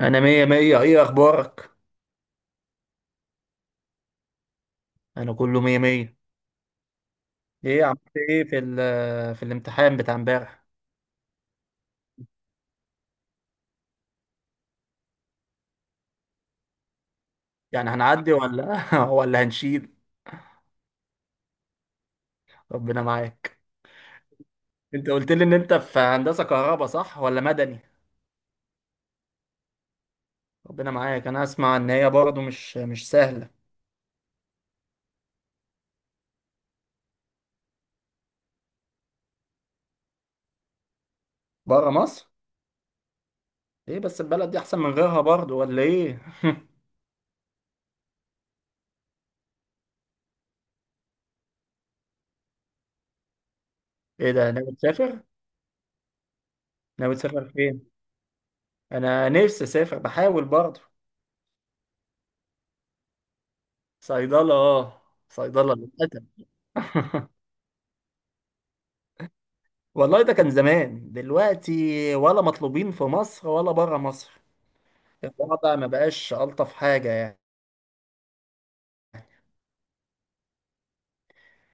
انا مية مية. ايه اخبارك؟ انا كله مية مية. ايه عملت ايه في الامتحان بتاع امبارح؟ يعني هنعدي ولا ولا هنشيل؟ ربنا معاك. انت قلت لي ان انت في هندسة كهرباء، صح ولا مدني؟ ربنا معاك. انا اسمع ان هي برضه مش سهلة. بره مصر. ايه، بس البلد دي احسن من غيرها برضه ولا ايه؟ ايه ده، ناوي تسافر؟ ناوي تسافر فين؟ انا نفسي اسافر، بحاول برضه. صيدلة اه. صيدلة للأسف. والله ده كان زمان. دلوقتي ولا مطلوبين في مصر ولا بره مصر؟ الوضع ما بقاش ألطف حاجة يعني.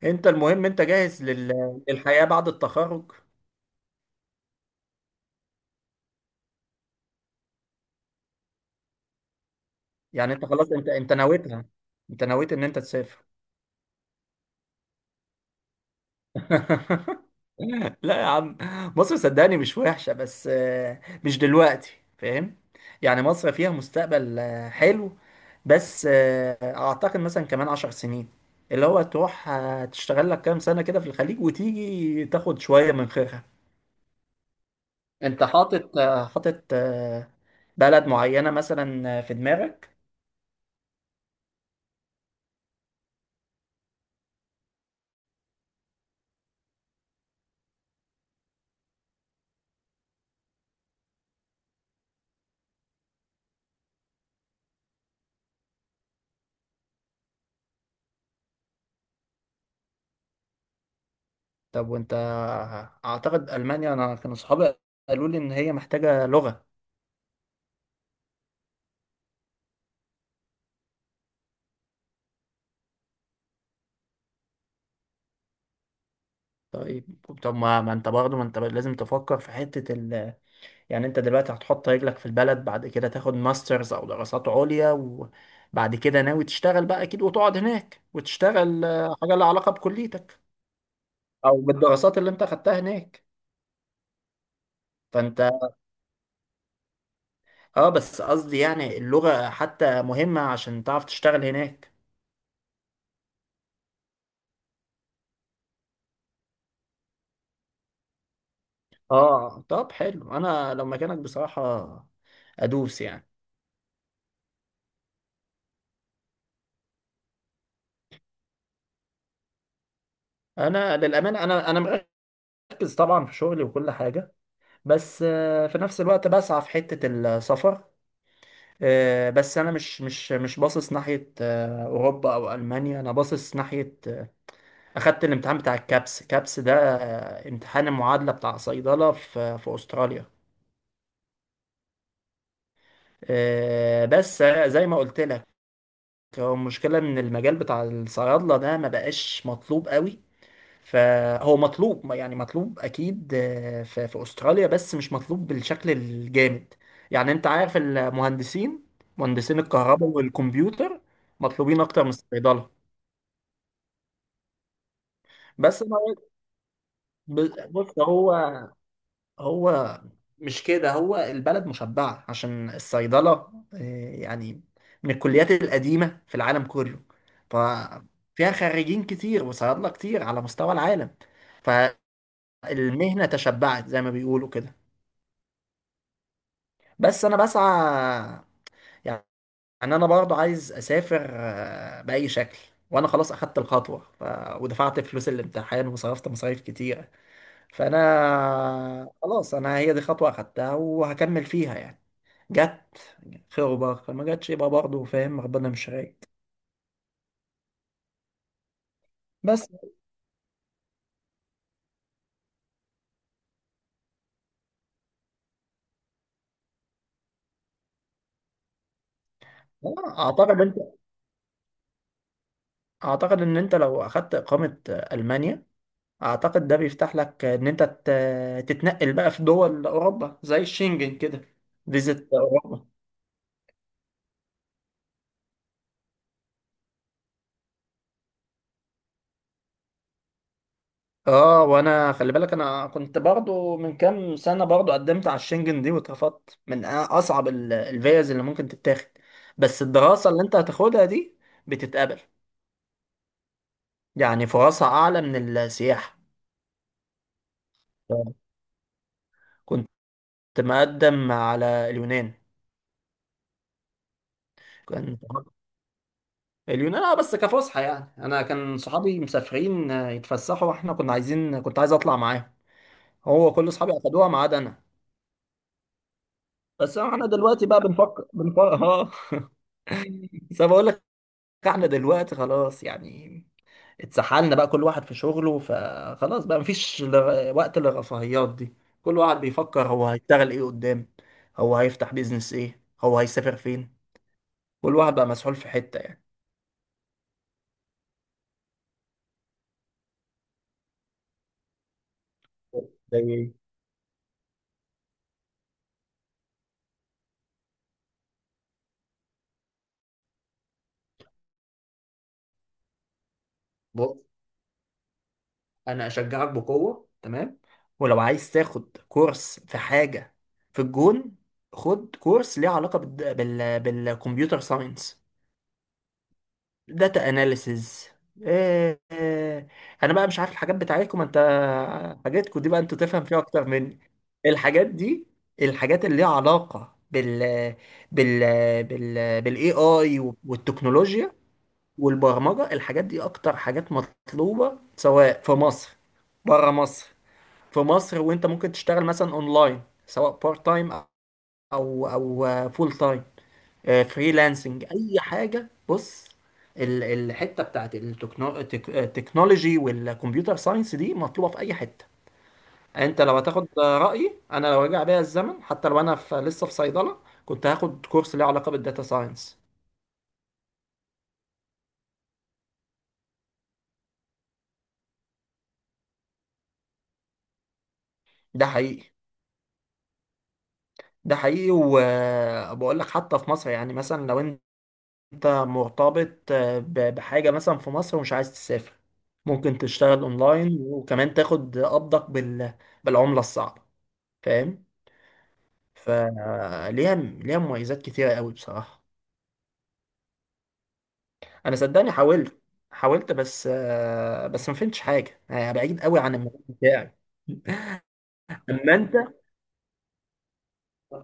انت المهم، انت جاهز للحياة بعد التخرج؟ يعني انت خلاص، انت نويتها. انت نويت ان انت تسافر. لا يا عم. مصر صدقني مش وحشة، بس مش دلوقتي. فاهم. يعني مصر فيها مستقبل حلو. بس أعتقد مثلا كمان 10 سنين. اللي هو تروح تشتغل لك كام سنة كده في الخليج، وتيجي تاخد شوية من خيرها. أنت حاطط بلد معينة مثلا في دماغك؟ طب وأنت أعتقد ألمانيا، أنا كانوا صحابي قالوا لي إن هي محتاجة لغة. طيب. طب ما انت برضه، ما انت لازم تفكر في حتة ال... يعني انت دلوقتي هتحط رجلك في البلد، بعد كده تاخد ماسترز او دراسات عليا، وبعد كده ناوي تشتغل بقى اكيد وتقعد هناك وتشتغل حاجة لها علاقة بكليتك، او بالدراسات اللي انت خدتها هناك. فانت... اه بس قصدي يعني اللغة حتى مهمة عشان تعرف تشتغل هناك. اه، طب حلو، انا لو مكانك بصراحة ادوس يعني. انا للامانة انا مركز طبعا في شغلي وكل حاجة، بس في نفس الوقت بسعى في حتة السفر. بس انا مش باصص ناحية اوروبا او المانيا، انا باصص ناحية. اخدت الامتحان بتاع الكابس، كابس ده امتحان المعادلة بتاع صيدلة في استراليا. بس زي ما قلت لك، هو المشكلة ان المجال بتاع الصيادلة ده ما بقاش مطلوب قوي. فهو مطلوب يعني مطلوب اكيد في استراليا، بس مش مطلوب بالشكل الجامد. يعني انت عارف المهندسين، مهندسين الكهرباء والكمبيوتر مطلوبين اكتر من الصيدله. بس انا بص، هو مش كده، هو البلد مشبعه عشان الصيدله. آه، يعني من الكليات القديمه في العالم كله، ففيها خريجين كتير وصيادله كتير على مستوى العالم. فالمهنه تشبعت زي ما بيقولوا كده. بس انا بسعى يعني، انا برضو عايز اسافر باي شكل. وانا خلاص اخدت الخطوه، ف... ودفعت فلوس الامتحان وصرفت مصاريف كتيره. فانا خلاص، انا هي دي خطوه اخدتها وهكمل فيها يعني. جت خير وبركه، ما جاتش يبقى برضو فاهم ربنا مش رايد. بس اعتقد انت، اعتقد ان انت لو اخدت اقامه المانيا، اعتقد ده بيفتح لك ان انت تتنقل بقى في دول اوروبا زي الشنجن كده. فيزيت اوروبا. اه، وانا خلي بالك، انا كنت برضو من كام سنة برضو قدمت على الشنجن دي واترفضت، من اصعب الفيز اللي ممكن تتاخد. بس الدراسة اللي انت هتاخدها دي بتتقبل، يعني فرصها اعلى من السياحة. كنت مقدم على اليونان. كان اليونان اه، بس كفسحة يعني. انا كان صحابي مسافرين يتفسحوا، واحنا كنا عايزين كنت عايز اطلع معاهم. هو كل صحابي اخدوها ما عدا انا. بس انا دلوقتي بقى بنفكر اه. بس أنا بقول احنا دلوقتي خلاص يعني، اتسحلنا بقى كل واحد في شغله، فخلاص بقى مفيش وقت للرفاهيات دي. كل واحد بيفكر هو هيشتغل ايه قدام، هو هيفتح بيزنس ايه، هو هيسافر فين. كل واحد بقى مسحول في حتة يعني. زي بص، انا اشجعك بقوه تمام، ولو عايز تاخد كورس في حاجة في الجون، خد كورس ليه علاقة بالكمبيوتر ساينس، داتا اناليسز. إيه، إيه. انا بقى مش عارف الحاجات بتاعتكم انت، حاجاتكم دي بقى انتوا تفهم فيها اكتر مني. الحاجات دي، الحاجات اللي ليها علاقة بال بالاي اي والتكنولوجيا والبرمجة. الحاجات دي اكتر حاجات مطلوبة، سواء في مصر، بره مصر. في مصر وانت ممكن تشتغل مثلا اونلاين، سواء بارت تايم او فول تايم، فريلانسنج، اي حاجه. بص، الحته بتاعت التكنولوجي والكمبيوتر ساينس دي مطلوبه في اي حته. انت لو هتاخد رايي، انا لو رجع بيا الزمن، حتى لو انا لسه في صيدله، كنت هاخد كورس ليه علاقه بالداتا ساينس. ده حقيقي. ده حقيقي، وبقول لك حتى في مصر، يعني مثلا لو انت مرتبط بحاجه مثلا في مصر ومش عايز تسافر، ممكن تشتغل اونلاين وكمان تاخد قبضك بالعمله الصعبه. فاهم. فليها، ليها مميزات كتيرة قوي بصراحة. أنا صدقني حاولت، بس ما فهمتش حاجة بعيد قوي عن المجال بتاعي. أما أنت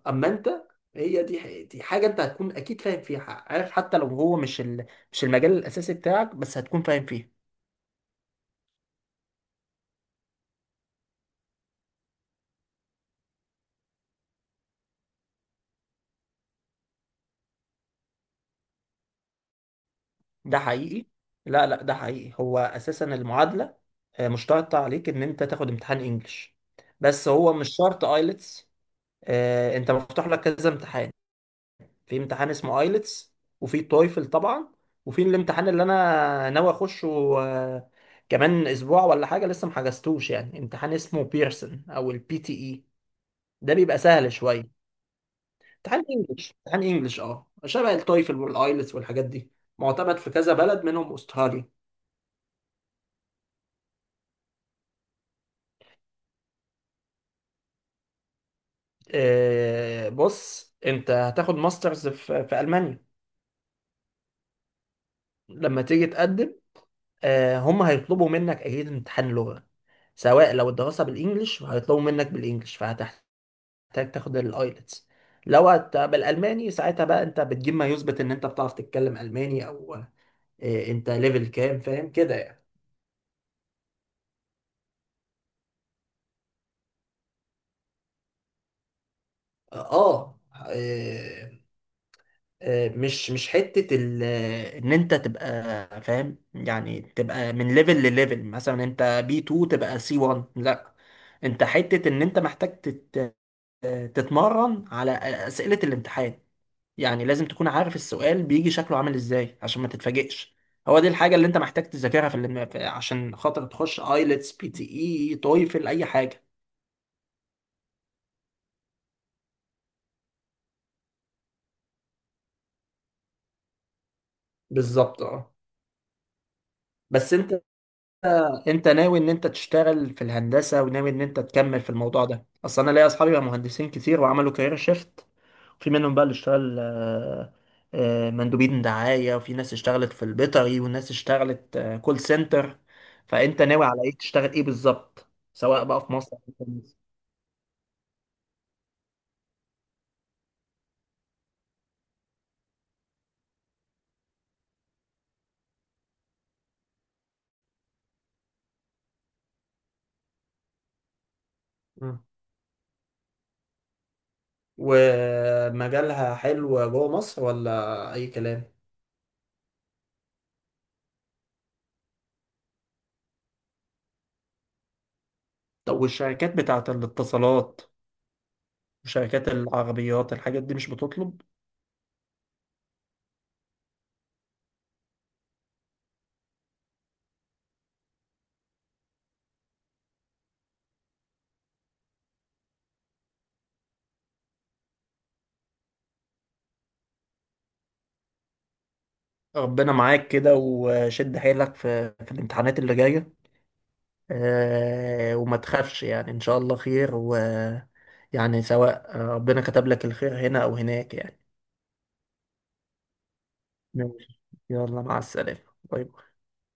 أما أنت هي دي حاجة أنت هتكون أكيد فاهم فيها، عارف، حتى لو هو مش المجال الأساسي بتاعك، بس هتكون فاهم فيه. ده حقيقي. لا، لا، ده حقيقي. هو أساسا المعادلة مشترطة عليك إن أنت تاخد امتحان إنجلش، بس هو مش شرط آيلتس. أنت مفتوح لك كذا امتحان، في امتحان اسمه ايلتس، وفي تويفل طبعا، وفي الامتحان اللي انا ناوي اخشه آه، كمان اسبوع ولا حاجه، لسه محجزتوش يعني، امتحان اسمه بيرسون، او البي تي اي. ده بيبقى سهل شويه. امتحان انجلش، اه، شبه التويفل والايلتس والحاجات دي، معتمد في كذا بلد منهم استراليا. بص، انت هتاخد ماسترز في المانيا، لما تيجي تقدم هم هيطلبوا منك أكيد امتحان لغة. سواء لو الدراسة بالإنجلش، هيطلبوا منك بالإنجلش، فهتحتاج تاخد الأيلتس. لو بالألماني، ساعتها بقى أنت بتجيب ما يثبت إن أنت بتعرف تتكلم ألماني، أو... أنت ليفل كام، فاهم كده يعني. آه آه، آه، مش حتة إن أنت تبقى فاهم، يعني تبقى من ليفل لليفل، مثلا أنت بي B2 تبقى سي C1، لا. انت حتة ان انت محتاج تتمرن على أسئلة الامتحان. يعني لازم تكون عارف السؤال بيجي شكله عامل ازاي عشان ما تتفاجئش. هو دي الحاجة اللي انت محتاج تذاكرها عشان خاطر تخش ايلتس، بي تي اي، تويفل، اي حاجة. بالظبط اه. بس انت، انت ناوي ان انت تشتغل في الهندسه وناوي ان انت تكمل في الموضوع ده، اصل انا ليا اصحابي بقى مهندسين كتير وعملوا كارير شيفت. في منهم بقى اللي اشتغل مندوبين دعايه، وفي ناس اشتغلت في البيطري، وناس اشتغلت كول سنتر. فانت ناوي على ايه، تشتغل ايه بالظبط، سواء بقى في مصر أو في مصر؟ مم. ومجالها حلو جوه مصر ولا اي كلام؟ طب والشركات بتاعت الاتصالات وشركات العربيات، الحاجات دي مش بتطلب؟ ربنا معاك كده، وشد حيلك في الامتحانات اللي جاية. وما تخافش يعني إن شاء الله خير، و يعني سواء ربنا كتب لك الخير هنا أو هناك يعني. ماشي. يلا، مع السلامة. باي باي.